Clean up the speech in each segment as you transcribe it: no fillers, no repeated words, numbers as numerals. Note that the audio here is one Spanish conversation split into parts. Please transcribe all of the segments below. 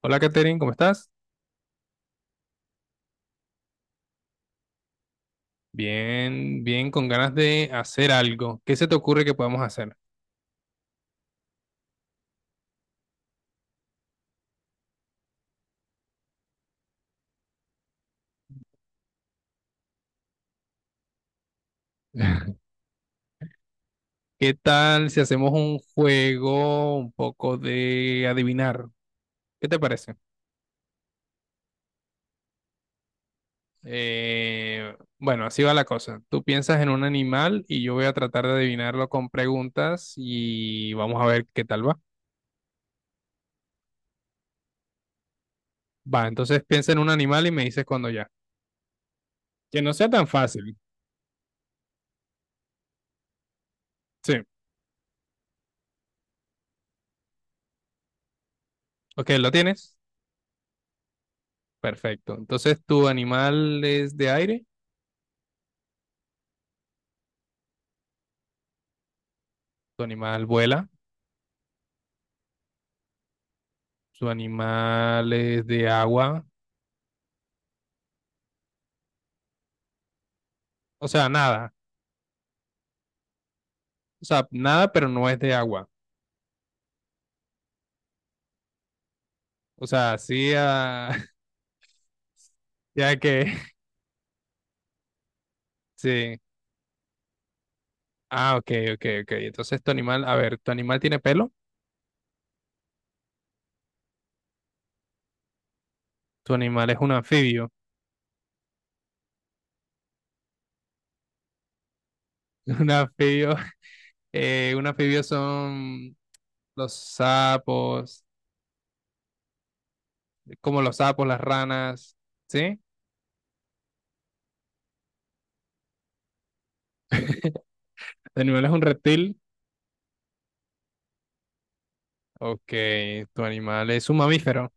Hola, Katherine, ¿cómo estás? Bien, bien, con ganas de hacer algo. ¿Qué se te ocurre que podamos hacer? ¿Qué tal si hacemos un juego un poco de adivinar? ¿Qué te parece? Bueno, así va la cosa. Tú piensas en un animal y yo voy a tratar de adivinarlo con preguntas y vamos a ver qué tal va. Va, entonces piensa en un animal y me dices cuando ya. Que no sea tan fácil. Sí. Ok, ¿lo tienes? Perfecto. Entonces, ¿tu animal es de aire? ¿Tu animal vuela? Su animal es de agua. O sea, nada. O sea, nada, pero no es de agua. O sea, sí, ah, ya que, sí. Ah, ok, ok, ok. Entonces tu animal, a ver, ¿tu animal tiene pelo? Tu animal es un anfibio. Un anfibio, un anfibio son los sapos, como los sapos, las ranas, ¿sí? Tu animal es un reptil. Ok, tu animal es un mamífero.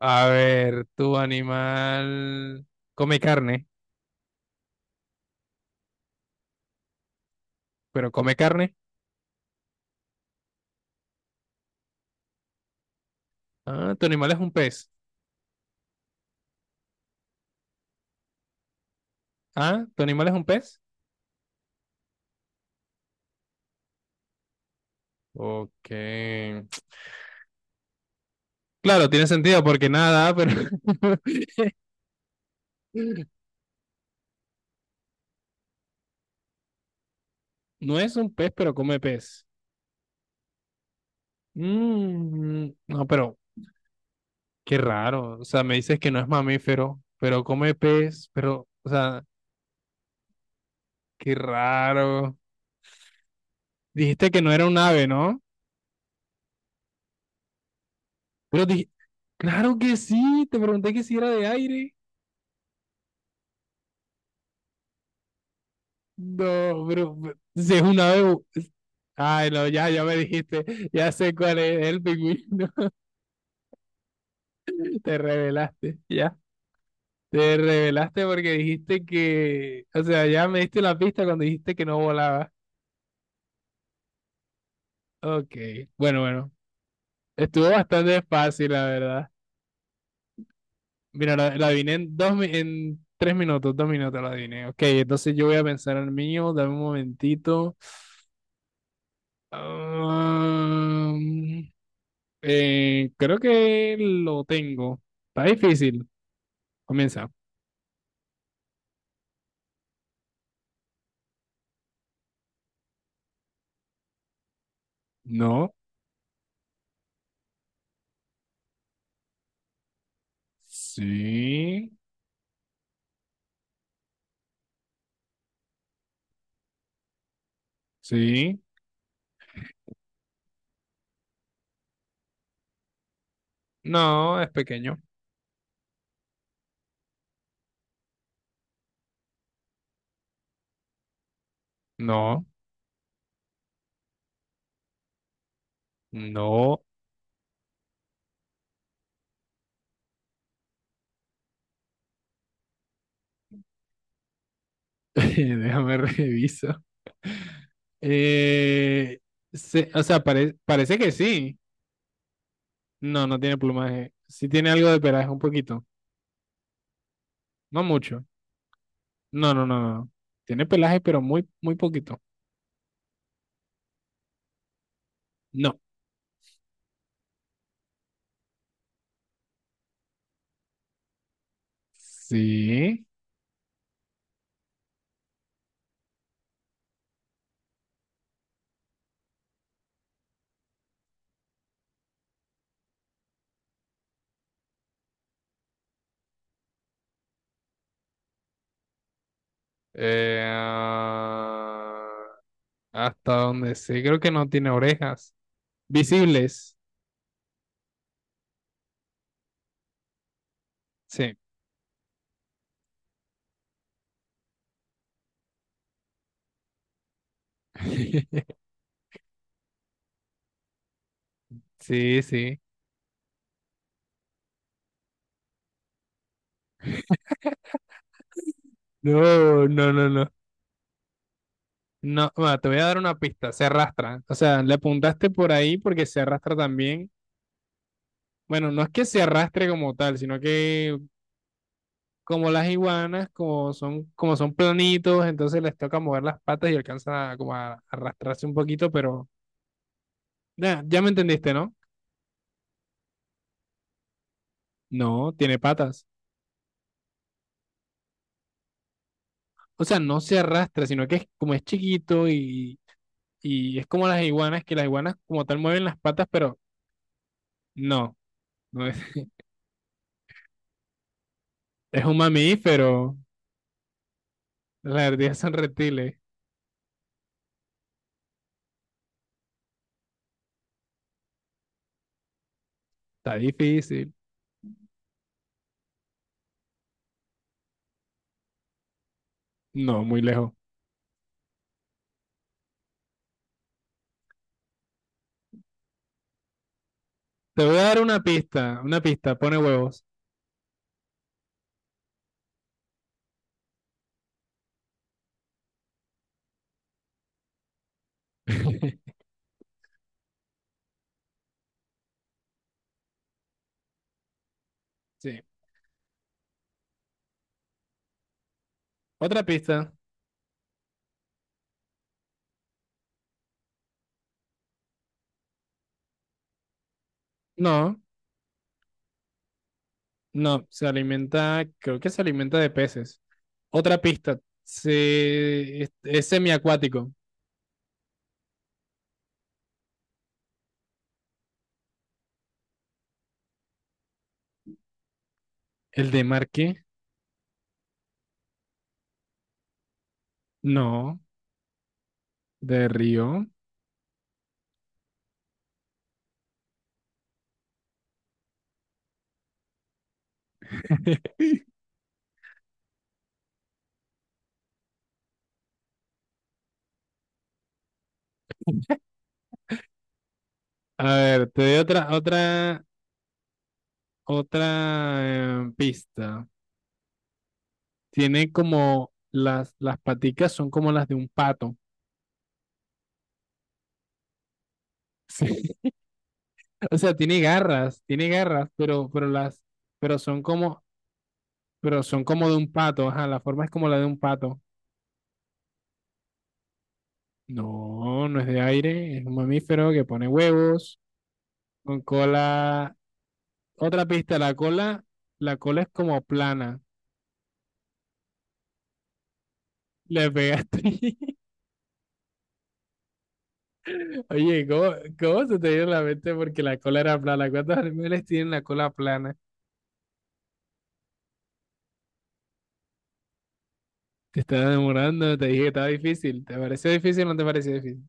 A ver, tu animal come carne, pero come carne. Ah, tu animal es un pez. Ah, tu animal es un pez. Ok. Claro, tiene sentido porque nada, pero no es un pez, pero come pez. Mm, no, pero qué raro. O sea, me dices que no es mamífero, pero come pez, pero, o sea, qué raro. Dijiste que no era un ave, ¿no? Pero dije, claro que sí, te pregunté que si era de aire. No, pero si es un ave. Ay, no, ya, ya me dijiste, ya sé cuál es, el pingüino. Te revelaste, ya. Te revelaste porque dijiste que, o sea, ya me diste la pista cuando dijiste que no volaba. Ok, bueno, bueno. Estuvo bastante fácil, la verdad. Mira, la adiviné en en 3 minutos, 2 minutos la adiviné. Ok, entonces yo voy a pensar en el mío, dame un momentito. Am, creo que lo tengo. Está difícil. Comienza. No. Sí. Sí. No, es pequeño. No. No, déjame reviso. Eh, o sea, parece que sí. No, no tiene plumaje. Sí tiene algo de pelaje, un poquito. No mucho. No, no, no, no. Tiene pelaje, pero muy, muy poquito. No. Sí. Eh, ah, hasta donde sé, creo que no tiene orejas. Visibles. Sí. Sí, sí. No, no, no, no. No, bueno, te voy a dar una pista, se arrastra. O sea, le apuntaste por ahí porque se arrastra también. Bueno, no es que se arrastre como tal, sino que como las iguanas, como son planitos, entonces les toca mover las patas y alcanzan a, como a arrastrarse un poquito, pero ya, ya me entendiste, ¿no? No, tiene patas. O sea, no se arrastra, sino que es como es chiquito y, es como las iguanas, que las iguanas como tal mueven las patas, pero no, no es, es un mamífero. Las ardillas son reptiles. Está difícil. No, muy lejos. Te voy a dar una pista, pone huevos. Sí. Otra pista. No, no, se alimenta, creo que se alimenta de peces. Otra pista, es semiacuático. ¿El de mar qué? No, de río. A ver, te doy otra pista. Tiene como las paticas son como las de un pato. Sí. O sea, tiene garras, pero las, pero son como, pero son como de un pato, ajá, la forma es como la de un pato. No, no es de aire, es un mamífero que pone huevos, con cola. Otra pista, la cola es como plana. Le pegaste. Oye, cómo se te dio la mente porque la cola era plana? ¿Cuántos animales tienen la cola plana? Te estás demorando, te dije que estaba difícil. ¿Te pareció difícil o no te pareció difícil?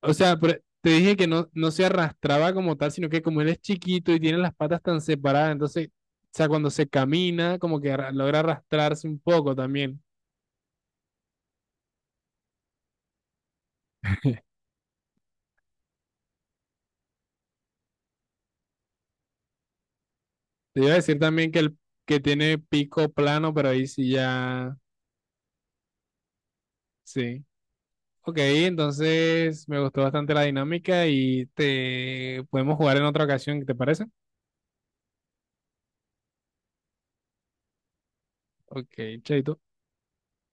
O sea, pero te dije que no, no se arrastraba como tal, sino que como él es chiquito y tiene las patas tan separadas, entonces, o sea, cuando se camina, como que logra arrastrarse un poco también. Te iba a decir también que, el, que tiene pico plano, pero ahí sí ya, sí. Ok, entonces me gustó bastante la dinámica y te podemos jugar en otra ocasión, ¿te parece? Ok, chaito.